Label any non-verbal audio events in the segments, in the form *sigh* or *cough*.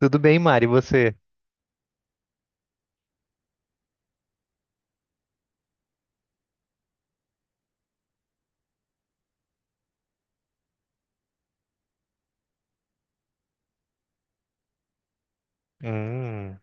Tudo bem, Mari, e você? Hum.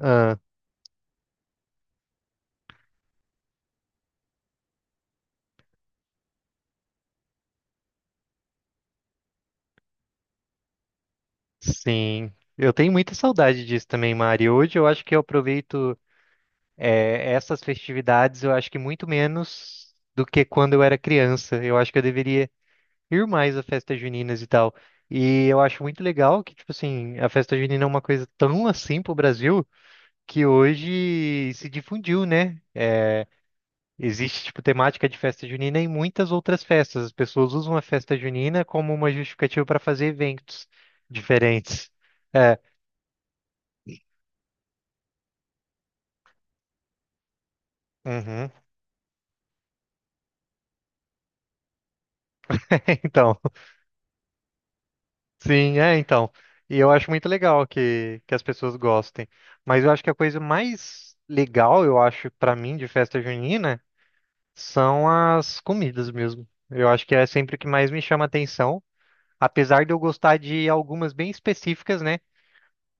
Ah, sim. Eu tenho muita saudade disso também, Mari. Hoje eu acho que eu aproveito essas festividades, eu acho que muito menos do que quando eu era criança. Eu acho que eu deveria ir mais a festas juninas e tal. E eu acho muito legal que, tipo assim, a festa junina é uma coisa tão assim pro Brasil que hoje se difundiu, né? Existe, tipo, temática de festa junina em muitas outras festas. As pessoas usam a festa junina como uma justificativa para fazer eventos diferentes. É, uhum. *laughs* Então, sim, é, então. E eu acho muito legal que as pessoas gostem. Mas eu acho que a coisa mais legal, eu acho, para mim, de festa junina, são as comidas mesmo. Eu acho que é sempre o que mais me chama atenção, apesar de eu gostar de algumas bem específicas, né?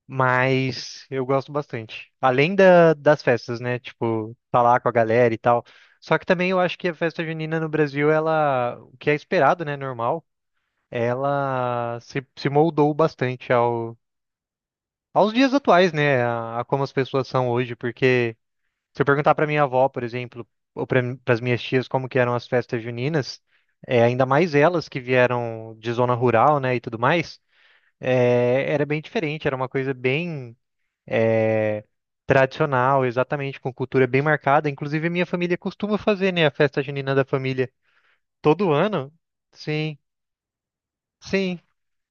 Mas eu gosto bastante. Além das festas, né? Tipo, tá lá com a galera e tal. Só que também eu acho que a festa junina no Brasil, ela, o que é esperado, né? Normal, ela se moldou bastante ao, aos dias atuais, né? A como as pessoas são hoje. Porque se eu perguntar pra minha avó, por exemplo, ou para as minhas tias como que eram as festas juninas, é, ainda mais elas que vieram de zona rural, né? E tudo mais, é, era bem diferente. Era uma coisa bem é, tradicional, exatamente, com cultura bem marcada. Inclusive, a minha família costuma fazer, né, a festa junina da família todo ano. Sim, sim.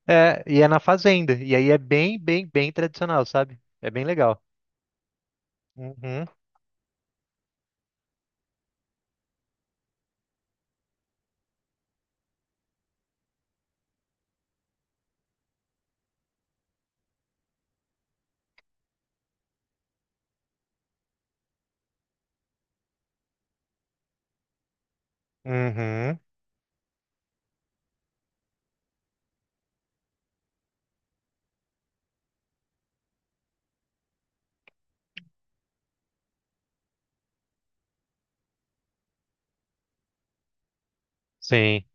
É, e é na fazenda. E aí é bem, bem, bem tradicional, sabe? É bem legal. Uhum, uhum, sim.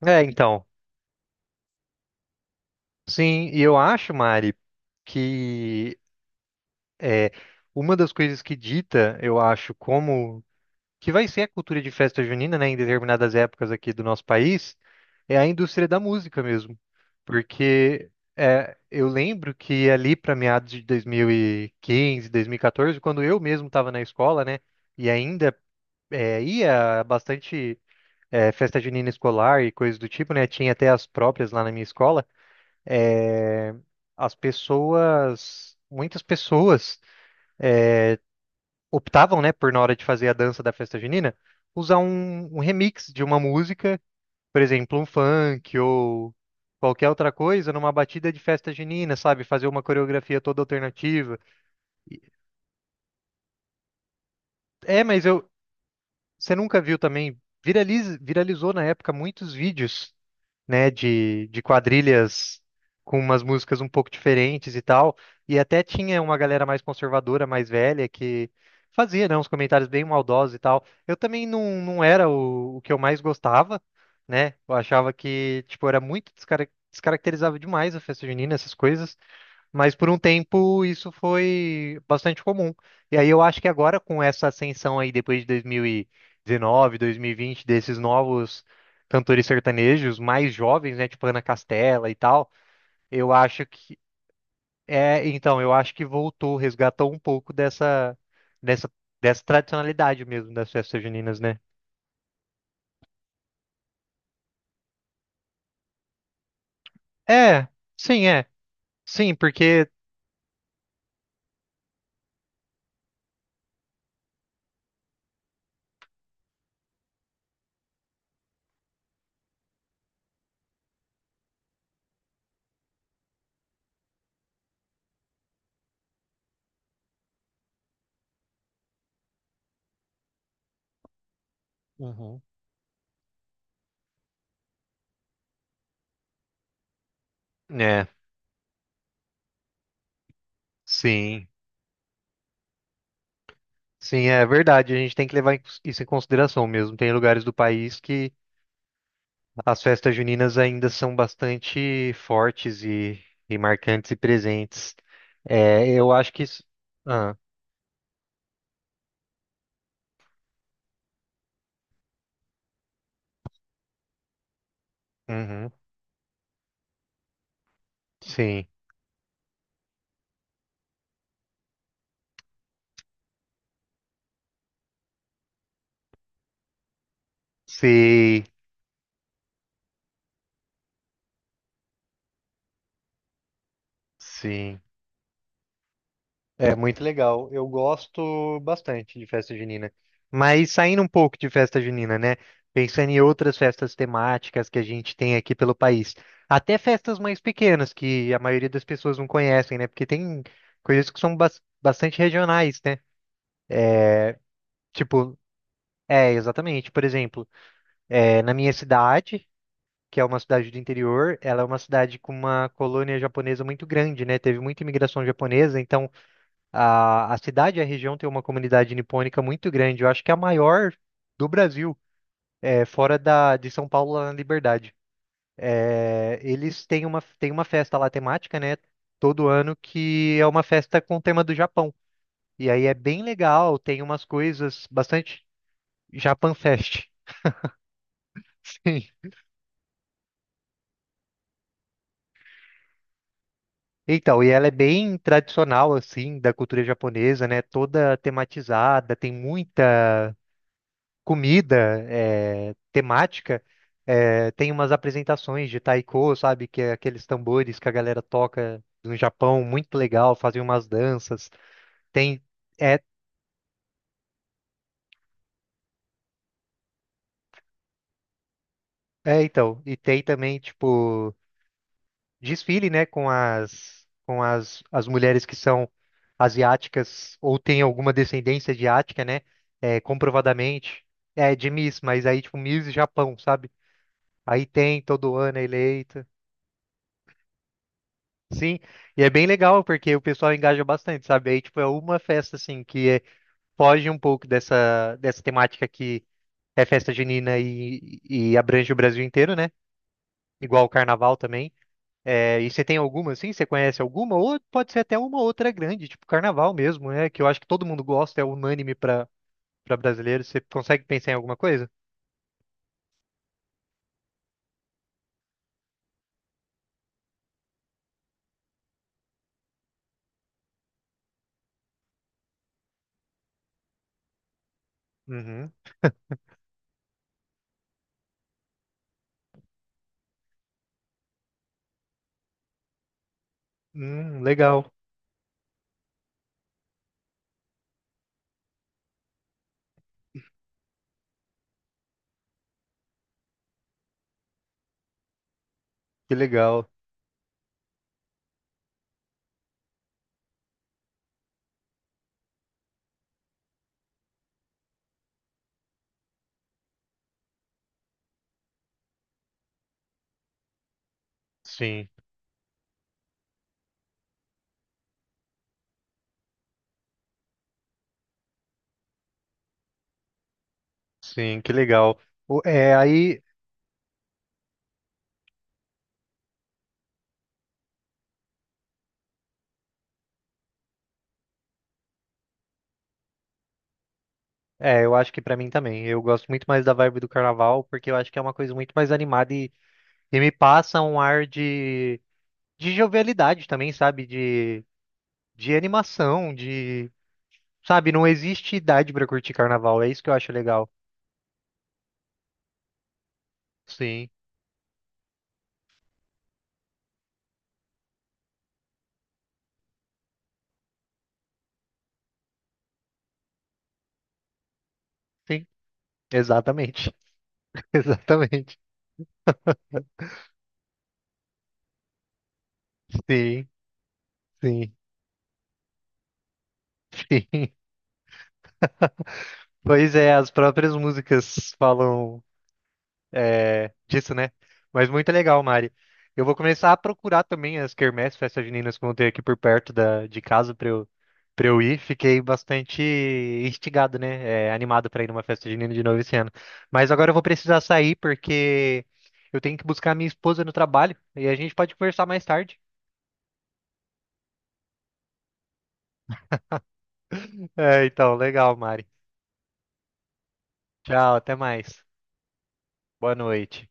É, então. Sim, e eu acho, Mari, que é, uma das coisas que dita, eu acho, como que vai ser a cultura de festa junina, né, em determinadas épocas aqui do nosso país, é a indústria da música mesmo. Porque eu lembro que ali para meados de 2015, 2014, quando eu mesmo estava na escola, né, e ainda ia bastante festa junina escolar e coisas do tipo, né, tinha até as próprias lá na minha escola é, as pessoas, muitas pessoas optavam, né, por na hora de fazer a dança da festa junina, usar um remix de uma música por exemplo, um funk ou qualquer outra coisa numa batida de festa junina, sabe? Fazer uma coreografia toda alternativa. É, mas eu, você nunca viu também, viralizou na época muitos vídeos né, de quadrilhas com umas músicas um pouco diferentes e tal. E até tinha uma galera mais conservadora, mais velha, que fazia, né, uns comentários bem maldosos e tal. Eu também não era o que eu mais gostava, né? Eu achava que, tipo, era muito descaracterizava demais a festa junina, essas coisas. Mas por um tempo isso foi bastante comum. E aí eu acho que agora com essa ascensão aí depois de 2019, 2020, desses novos cantores sertanejos mais jovens, né, tipo Ana Castela e tal, eu acho que eu acho que voltou, resgatou um pouco dessa dessa dessa tradicionalidade mesmo das festas juninas, né? É, sim, é. Sim, porque uhum. É, sim. Sim, é verdade. A gente tem que levar em isso em consideração mesmo. Tem lugares do país que as festas juninas ainda são bastante fortes e marcantes e presentes. É, eu acho que isso. Ah, uhum, sim, sim, sim. É muito legal. Eu gosto bastante de festa junina. Mas saindo um pouco de festa junina, né? Pensando em outras festas temáticas que a gente tem aqui pelo país. Até festas mais pequenas, que a maioria das pessoas não conhecem, né? Porque tem coisas que são bastante regionais, né? É, tipo, é, exatamente. Por exemplo, na minha cidade, que é uma cidade do interior, ela é uma cidade com uma colônia japonesa muito grande, né? Teve muita imigração japonesa, então. A cidade e a região tem uma comunidade nipônica muito grande. Eu acho que é a maior do Brasil, é, fora de São Paulo, lá na Liberdade. É, eles têm uma festa lá temática, né? Todo ano, que é uma festa com o tema do Japão. E aí é bem legal, tem umas coisas bastante Japan Fest. *laughs* Sim. Então, e ela é bem tradicional, assim, da cultura japonesa, né? Toda tematizada, tem muita comida, é, temática. É, tem umas apresentações de taiko, sabe? Que é aqueles tambores que a galera toca no Japão, muito legal, fazem umas danças. Tem, é, é, então, e tem também, tipo, desfile, né? As mulheres que são asiáticas ou têm alguma descendência asiática, né? É, comprovadamente. É, de Miss, mas aí, tipo, Miss Japão, sabe? Aí tem todo ano é eleito. Sim, e é bem legal porque o pessoal engaja bastante, sabe? Aí, tipo, é uma festa, assim, foge um pouco dessa temática que é festa junina e abrange o Brasil inteiro, né? Igual o carnaval também. É, e você tem alguma, assim? Você conhece alguma? Ou pode ser até uma outra grande, tipo carnaval mesmo, né? Que eu acho que todo mundo gosta, é unânime para brasileiro. Você consegue pensar em alguma coisa? Uhum. Legal, que legal. Sim, sim, que legal. É, aí. É, eu acho que pra mim também. Eu gosto muito mais da vibe do carnaval, porque eu acho que é uma coisa muito mais animada e me passa um ar de jovialidade também, sabe? De animação, de, sabe? Não existe idade pra curtir carnaval, é isso que eu acho legal. Sim, sim, exatamente. *laughs* Exatamente. Sim, sim, *laughs* sim. Pois é, as próprias músicas falam disso, né? Mas muito legal, Mari. Eu vou começar a procurar também as quermesses, festas juninas que vão ter aqui por perto de casa para eu ir. Fiquei bastante instigado, né? É, animado para ir numa festa junina de novo esse ano. Mas agora eu vou precisar sair porque eu tenho que buscar minha esposa no trabalho e a gente pode conversar mais tarde. *laughs* É, então, legal, Mari. Tchau, até mais. Boa noite.